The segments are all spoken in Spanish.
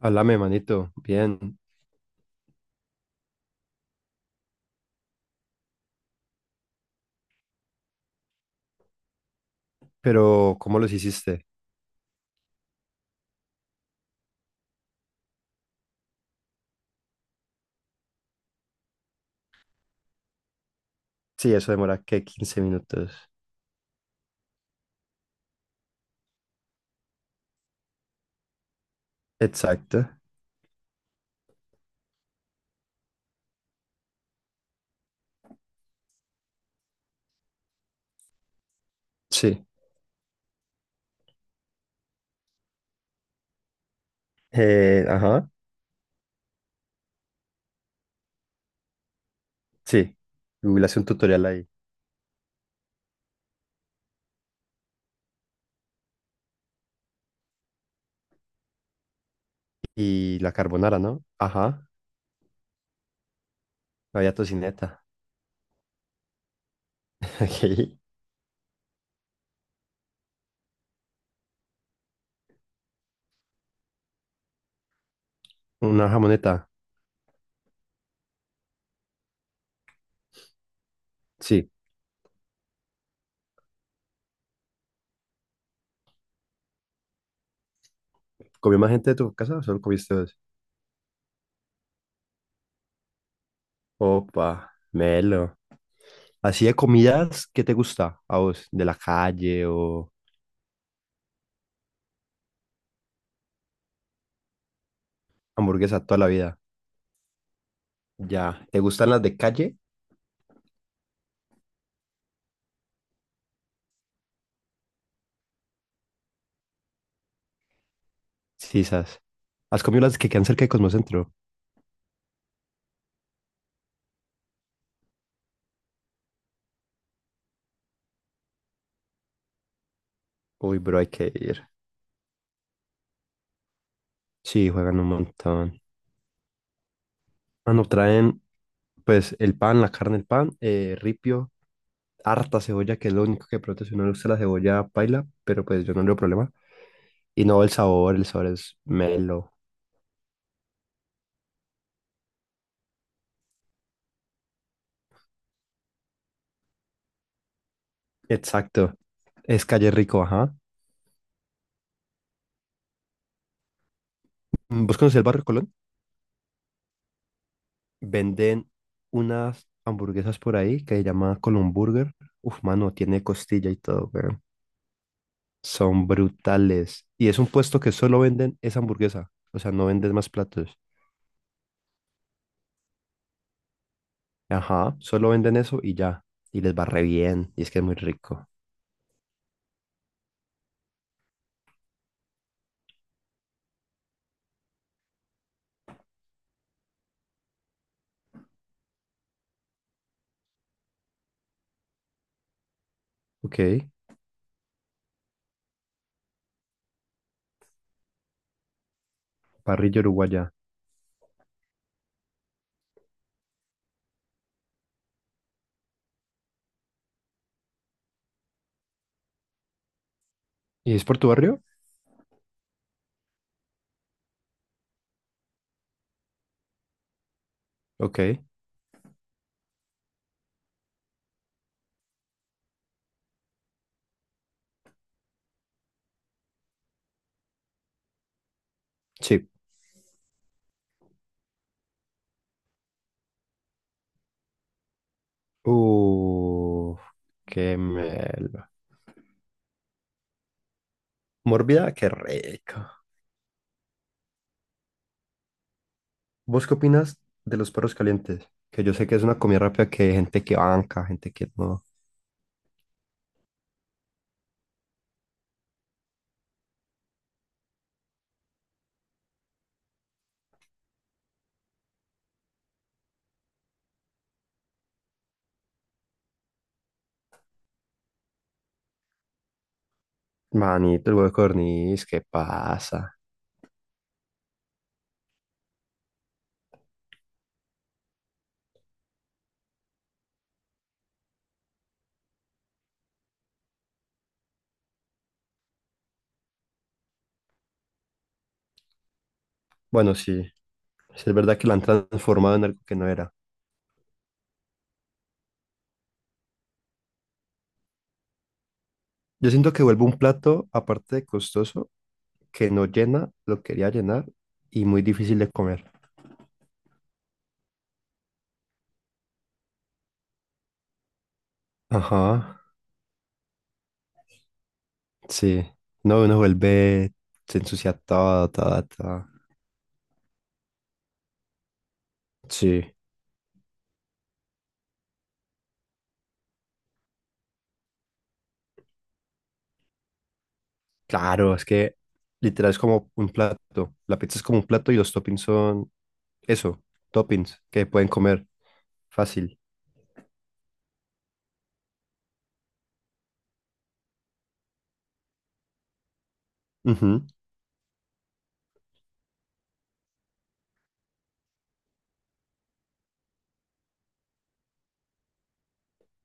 Háblame, manito. Bien. Pero, ¿cómo los hiciste? Sí, eso demora, ¿qué? 15 minutos. Exacto. Sí. Ajá. Sí. Google hace un tutorial ahí. Y la carbonara, ¿no? Ajá. Había tocineta. Ok. Una jamoneta. Sí. ¿Comió más gente de tu casa o solo comiste dos? Opa, melo. Así de comidas, ¿qué te gusta a vos? ¿De la calle o hamburguesa toda la vida? Ya. ¿Te gustan las de calle? Sí, esas. ¿Has comido las que quedan cerca de Cosmocentro? Uy, bro, hay que ir. Sí, juegan un montón. Mano, traen pues el pan, la carne, el pan, ripio, harta cebolla, que es lo único que protege. No le gusta la cebolla paila, pero pues yo no tengo problema. Y no, el sabor es melo. Exacto. Es calle rico, ajá. ¿Vos conocés el barrio Colón? Venden unas hamburguesas por ahí que se llama Colón Burger. Uf, mano, tiene costilla y todo, weón. Son brutales. Y es un puesto que solo venden esa hamburguesa. O sea, no venden más platos. Ajá, solo venden eso y ya. Y les va re bien. Y es que es muy rico. Ok, parrilla uruguaya. ¿Y es por tu barrio? Ok, sí. Uh, qué melo. Mórbida, qué rico. ¿Vos qué opinas de los perros calientes? Que yo sé que es una comida rápida que hay gente que banca, gente que no. Manito, el huevo de codorniz, ¿qué pasa? Bueno, sí, sí es verdad que la han transformado en algo que no era. Yo siento que vuelve un plato, aparte de costoso, que no llena, lo quería llenar y muy difícil de comer. Ajá, sí. No, uno vuelve, se ensucia todo, todo, todo. Sí, claro, es que literal es como un plato. La pizza es como un plato y los toppings son eso, toppings que pueden comer fácil. Ujú.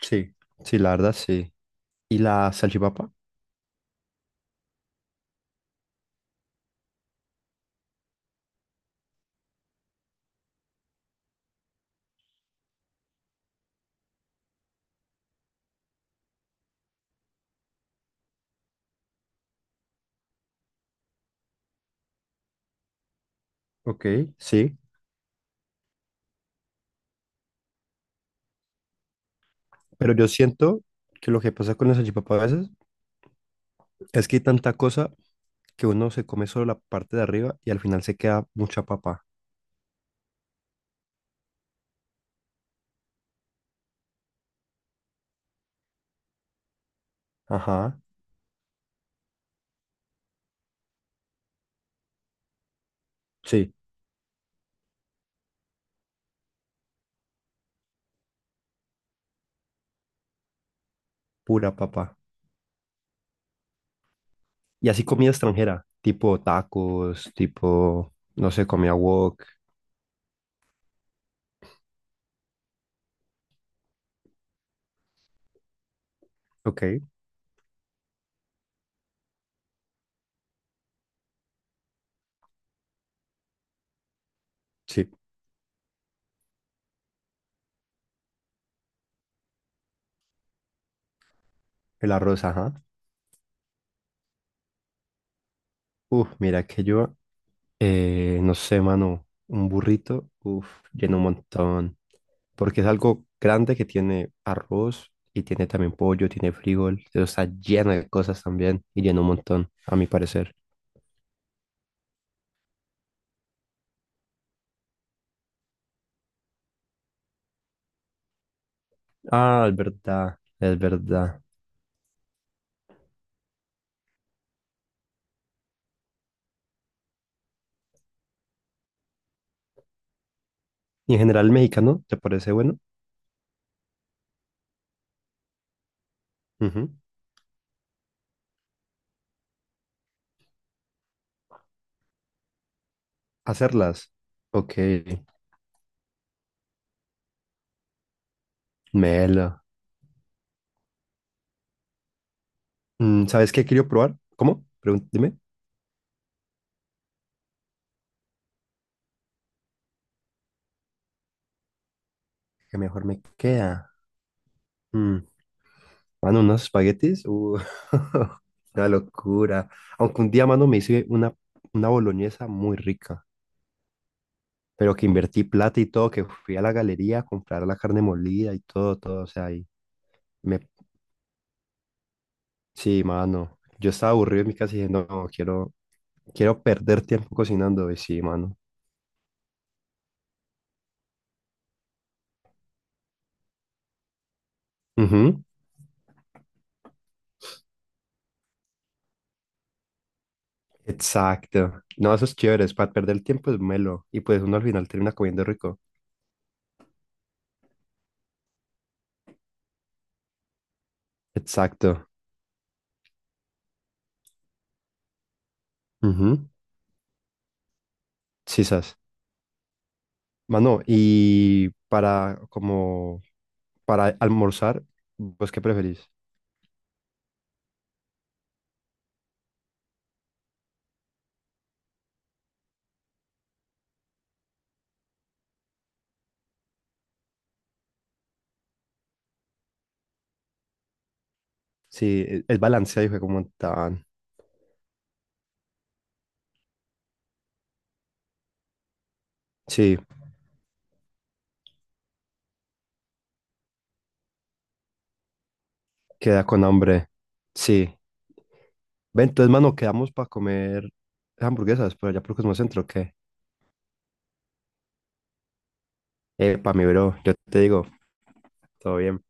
Sí, sí, la verdad, sí. ¿Y la salchipapa? Ok, sí. Pero yo siento que lo que pasa con la salchipapa a veces es que hay tanta cosa que uno se come solo la parte de arriba y al final se queda mucha papa. Ajá, sí, pura papa. Y así comida extranjera, tipo tacos, tipo, no sé, comida wok. Ok, sí, el arroz, ajá. Uf, mira que yo, no sé, mano, un burrito, uf, lleno un montón. Porque es algo grande que tiene arroz y tiene también pollo, tiene frijol, pero está lleno de cosas también y lleno un montón, a mi parecer. Ah, es verdad, es verdad. Y en general el mexicano, ¿te parece bueno? Ujú. Hacerlas. Ok. Melo. ¿Sabes qué quiero probar? ¿Cómo? Dime. ¿Qué mejor me queda? Mm, mano, unos espaguetis. Una locura. Aunque un día, mano, me hice una boloñesa muy rica. Pero que invertí plata y todo, que fui a la galería a comprar la carne molida y todo, todo. O sea, y me... Sí, mano. Yo estaba aburrido en mi casa y dije, no, quiero, quiero perder tiempo cocinando. Y sí, mano. Ujú. Exacto. No, eso es chévere, es para perder el tiempo es melo. Y pues uno al final termina comiendo rico. Exacto. Ujú. Sí, sas. Mano, y para como para almorzar, ¿vos qué preferís? Sí, es balanceado, hijo, de como tan. Sí, queda con hambre. Sí. Ve, entonces, mano, quedamos para comer hamburguesas, pero allá por Cosmocentro, ¿qué? Epa, mi bro, yo te digo, todo bien.